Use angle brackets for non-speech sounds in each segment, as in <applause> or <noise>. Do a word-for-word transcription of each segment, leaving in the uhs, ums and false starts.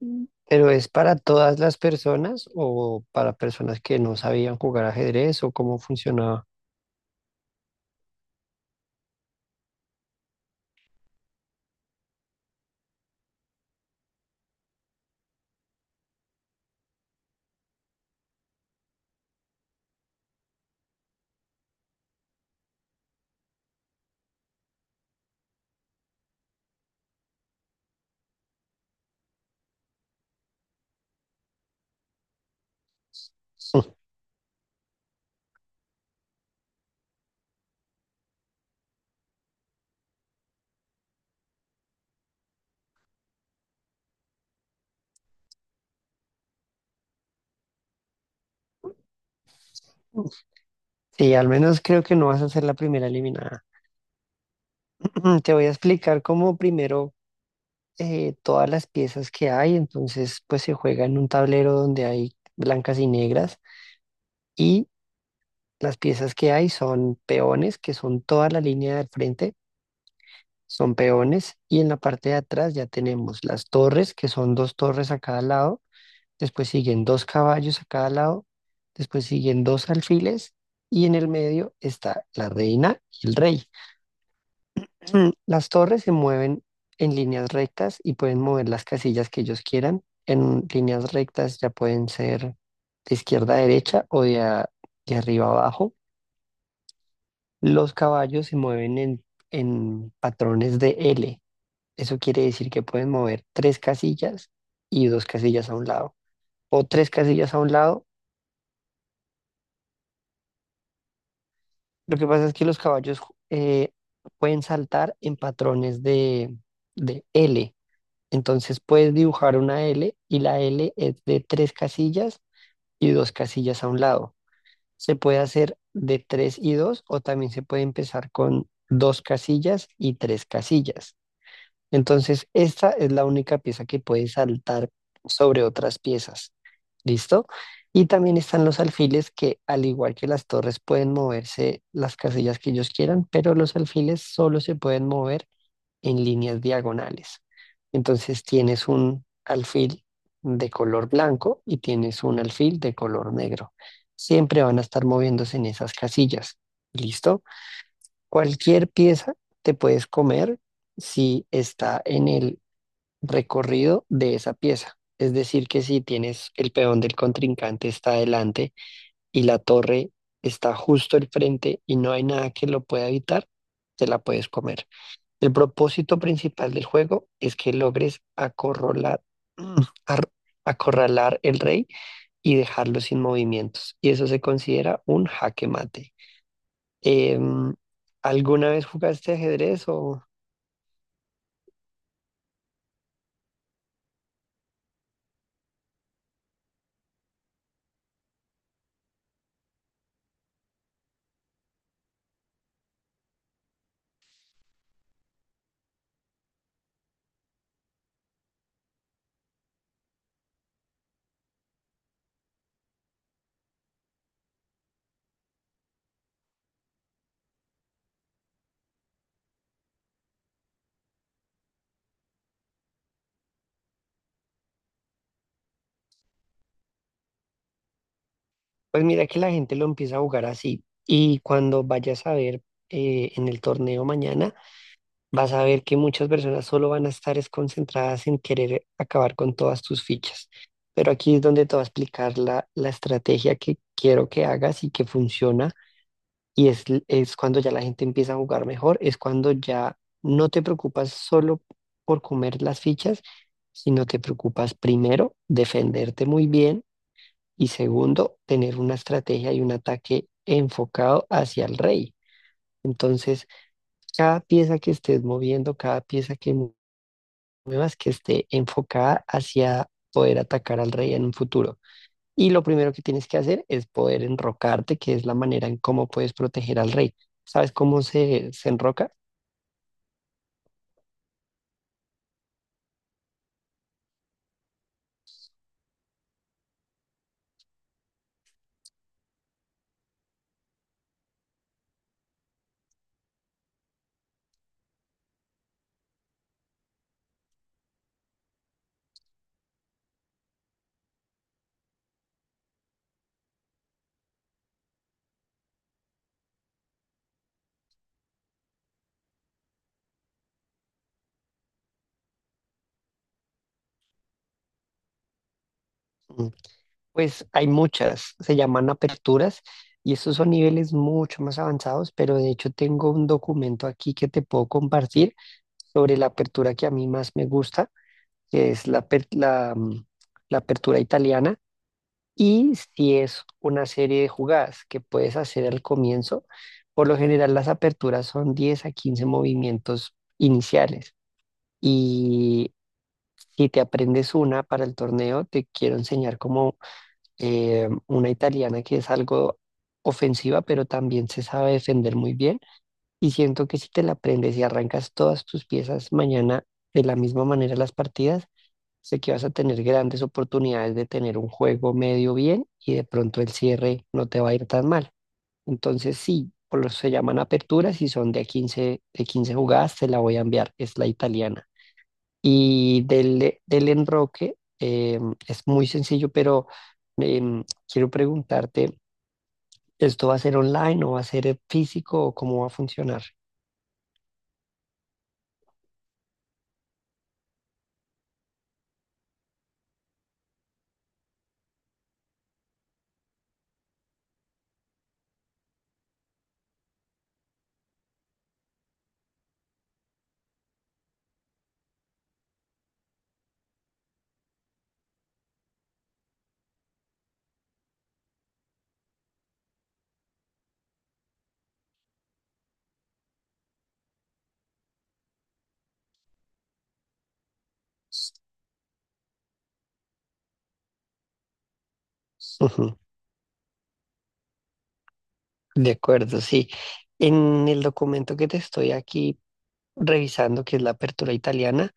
Mm. ¿Pero es para todas las personas o para personas que no sabían jugar ajedrez o cómo funcionaba? Sí, al menos creo que no vas a ser la primera eliminada. <clears throat> Te voy a explicar cómo primero eh, todas las piezas que hay. Entonces pues se juega en un tablero donde hay blancas y negras y las piezas que hay son peones, que son toda la línea del frente, son peones, y en la parte de atrás ya tenemos las torres, que son dos torres a cada lado. Después siguen dos caballos a cada lado, después siguen dos alfiles, y en el medio está la reina y el rey. Mm, las torres se mueven en líneas rectas y pueden mover las casillas que ellos quieran. En líneas rectas ya pueden ser de izquierda a derecha o de, a- de arriba a abajo. Los caballos se mueven en, en patrones de L. Eso quiere decir que pueden mover tres casillas y dos casillas a un lado, o tres casillas a un lado. Lo que pasa es que los caballos eh, pueden saltar en patrones de, de L. Entonces puedes dibujar una L, y la L es de tres casillas y dos casillas a un lado. Se puede hacer de tres y dos, o también se puede empezar con dos casillas y tres casillas. Entonces, esta es la única pieza que puede saltar sobre otras piezas. ¿Listo? Y también están los alfiles que, al igual que las torres, pueden moverse las casillas que ellos quieran, pero los alfiles solo se pueden mover en líneas diagonales. Entonces tienes un alfil de color blanco y tienes un alfil de color negro. Siempre van a estar moviéndose en esas casillas. ¿Listo? Cualquier pieza te puedes comer si está en el recorrido de esa pieza. Es decir, que si tienes el peón del contrincante está adelante y la torre está justo al frente y no hay nada que lo pueda evitar, te la puedes comer. El propósito principal del juego es que logres acorralar, <clears throat> ar- acorralar el rey y dejarlo sin movimientos. Y eso se considera un jaque mate. Em, ¿alguna vez jugaste ajedrez o...? Pues mira que la gente lo empieza a jugar así, y cuando vayas a ver, eh, en el torneo mañana, vas a ver que muchas personas solo van a estar es concentradas en querer acabar con todas tus fichas. Pero aquí es donde te voy a explicar la, la estrategia que quiero que hagas y que funciona. Y es, l- es cuando ya la gente empieza a jugar mejor, es cuando ya no te preocupas solo por comer las fichas, sino te preocupas primero defenderte muy bien, y segundo, tener una estrategia y un ataque enfocado hacia el rey. Entonces, cada pieza que estés moviendo, cada pieza que mu- muevas, que esté enfocada hacia poder atacar al rey en un futuro. Y lo primero que tienes que hacer es poder enrocarte, que es la manera en cómo puedes proteger al rey. ¿Sabes cómo se, se enroca? Mm, pues hay muchas, se llaman aperturas, y estos son niveles mucho más avanzados, pero de hecho tengo un documento aquí que te puedo compartir sobre la apertura que a mí más me gusta, que es la, aper- la, mm, la apertura italiana, y si es una serie de jugadas que puedes hacer al comienzo. Por lo general las aperturas son diez a quince movimientos iniciales, y si te aprendes una para el torneo, te quiero enseñar cómo, eh, una italiana que es algo ofensiva, pero también se sabe defender muy bien. Y siento que si te la aprendes y arrancas todas tus piezas mañana de la misma manera las partidas, sé que vas a tener grandes oportunidades de tener un juego medio bien y de pronto el cierre no te va a ir tan mal. Entonces sí, por lo se llaman aperturas y son de a quince de quince jugadas, te la voy a enviar, es la italiana. Y del, del enroque, eh, es muy sencillo, pero em, quiero preguntarte, ¿esto va a ser online o va a ser, eh, físico, o cómo va a funcionar? Ujú. De acuerdo, sí. En el documento que te estoy aquí revisando, que es la apertura italiana,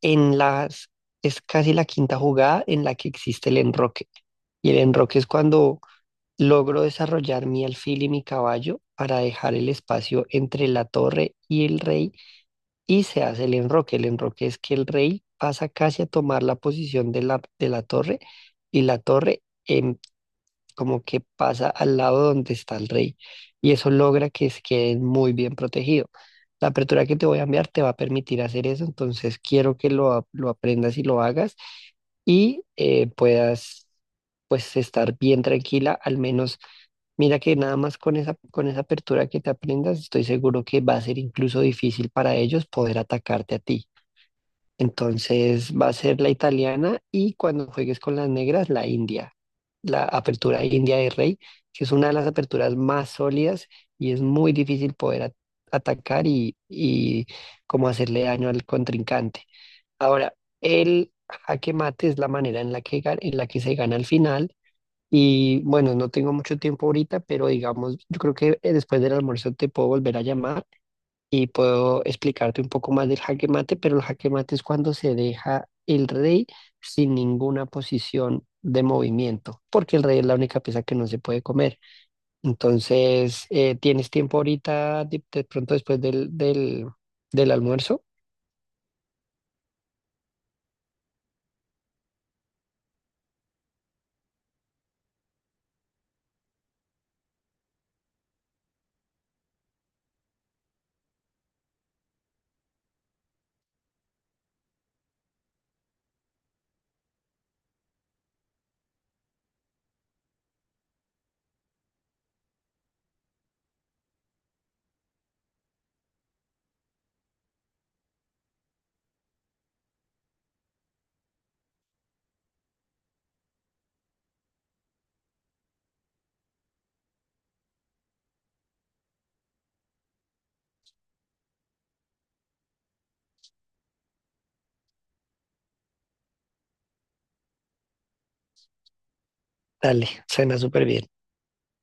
en las, es casi la quinta jugada en la que existe el enroque. Y el enroque es cuando logro desarrollar mi alfil y mi caballo para dejar el espacio entre la torre y el rey, y se hace el enroque. El enroque es que el rey pasa casi a tomar la posición de la, de la torre, y la torre em, como que pasa al lado donde está el rey, y eso logra que se queden muy bien protegidos. La apertura que te voy a enviar te va a permitir hacer eso, entonces quiero que lo, a- lo aprendas y lo hagas, y eh, puedas pues estar bien tranquila, al menos mira que nada más con esa, con esa apertura que te aprendas, estoy seguro que va a ser incluso difícil para ellos poder atacarte a ti. Entonces va a ser la italiana, y cuando juegues con las negras, la india. La apertura india de rey, que es una de las aperturas más sólidas, y es muy difícil poder at- atacar y, y como hacerle daño al contrincante. Ahora, el jaque mate es la manera en la que, ga- en la que se gana al final. Y bueno, no tengo mucho tiempo ahorita, pero digamos, yo creo que, eh, después del almuerzo te puedo volver a llamar y puedo explicarte un poco más del jaque mate, pero el jaque mate es cuando se deja el rey sin ninguna posición de movimiento, porque el rey es la única pieza que no se puede comer. Entonces, eh, ¿tienes tiempo ahorita, de, de pronto después del, del, del almuerzo? Dale, suena súper bien.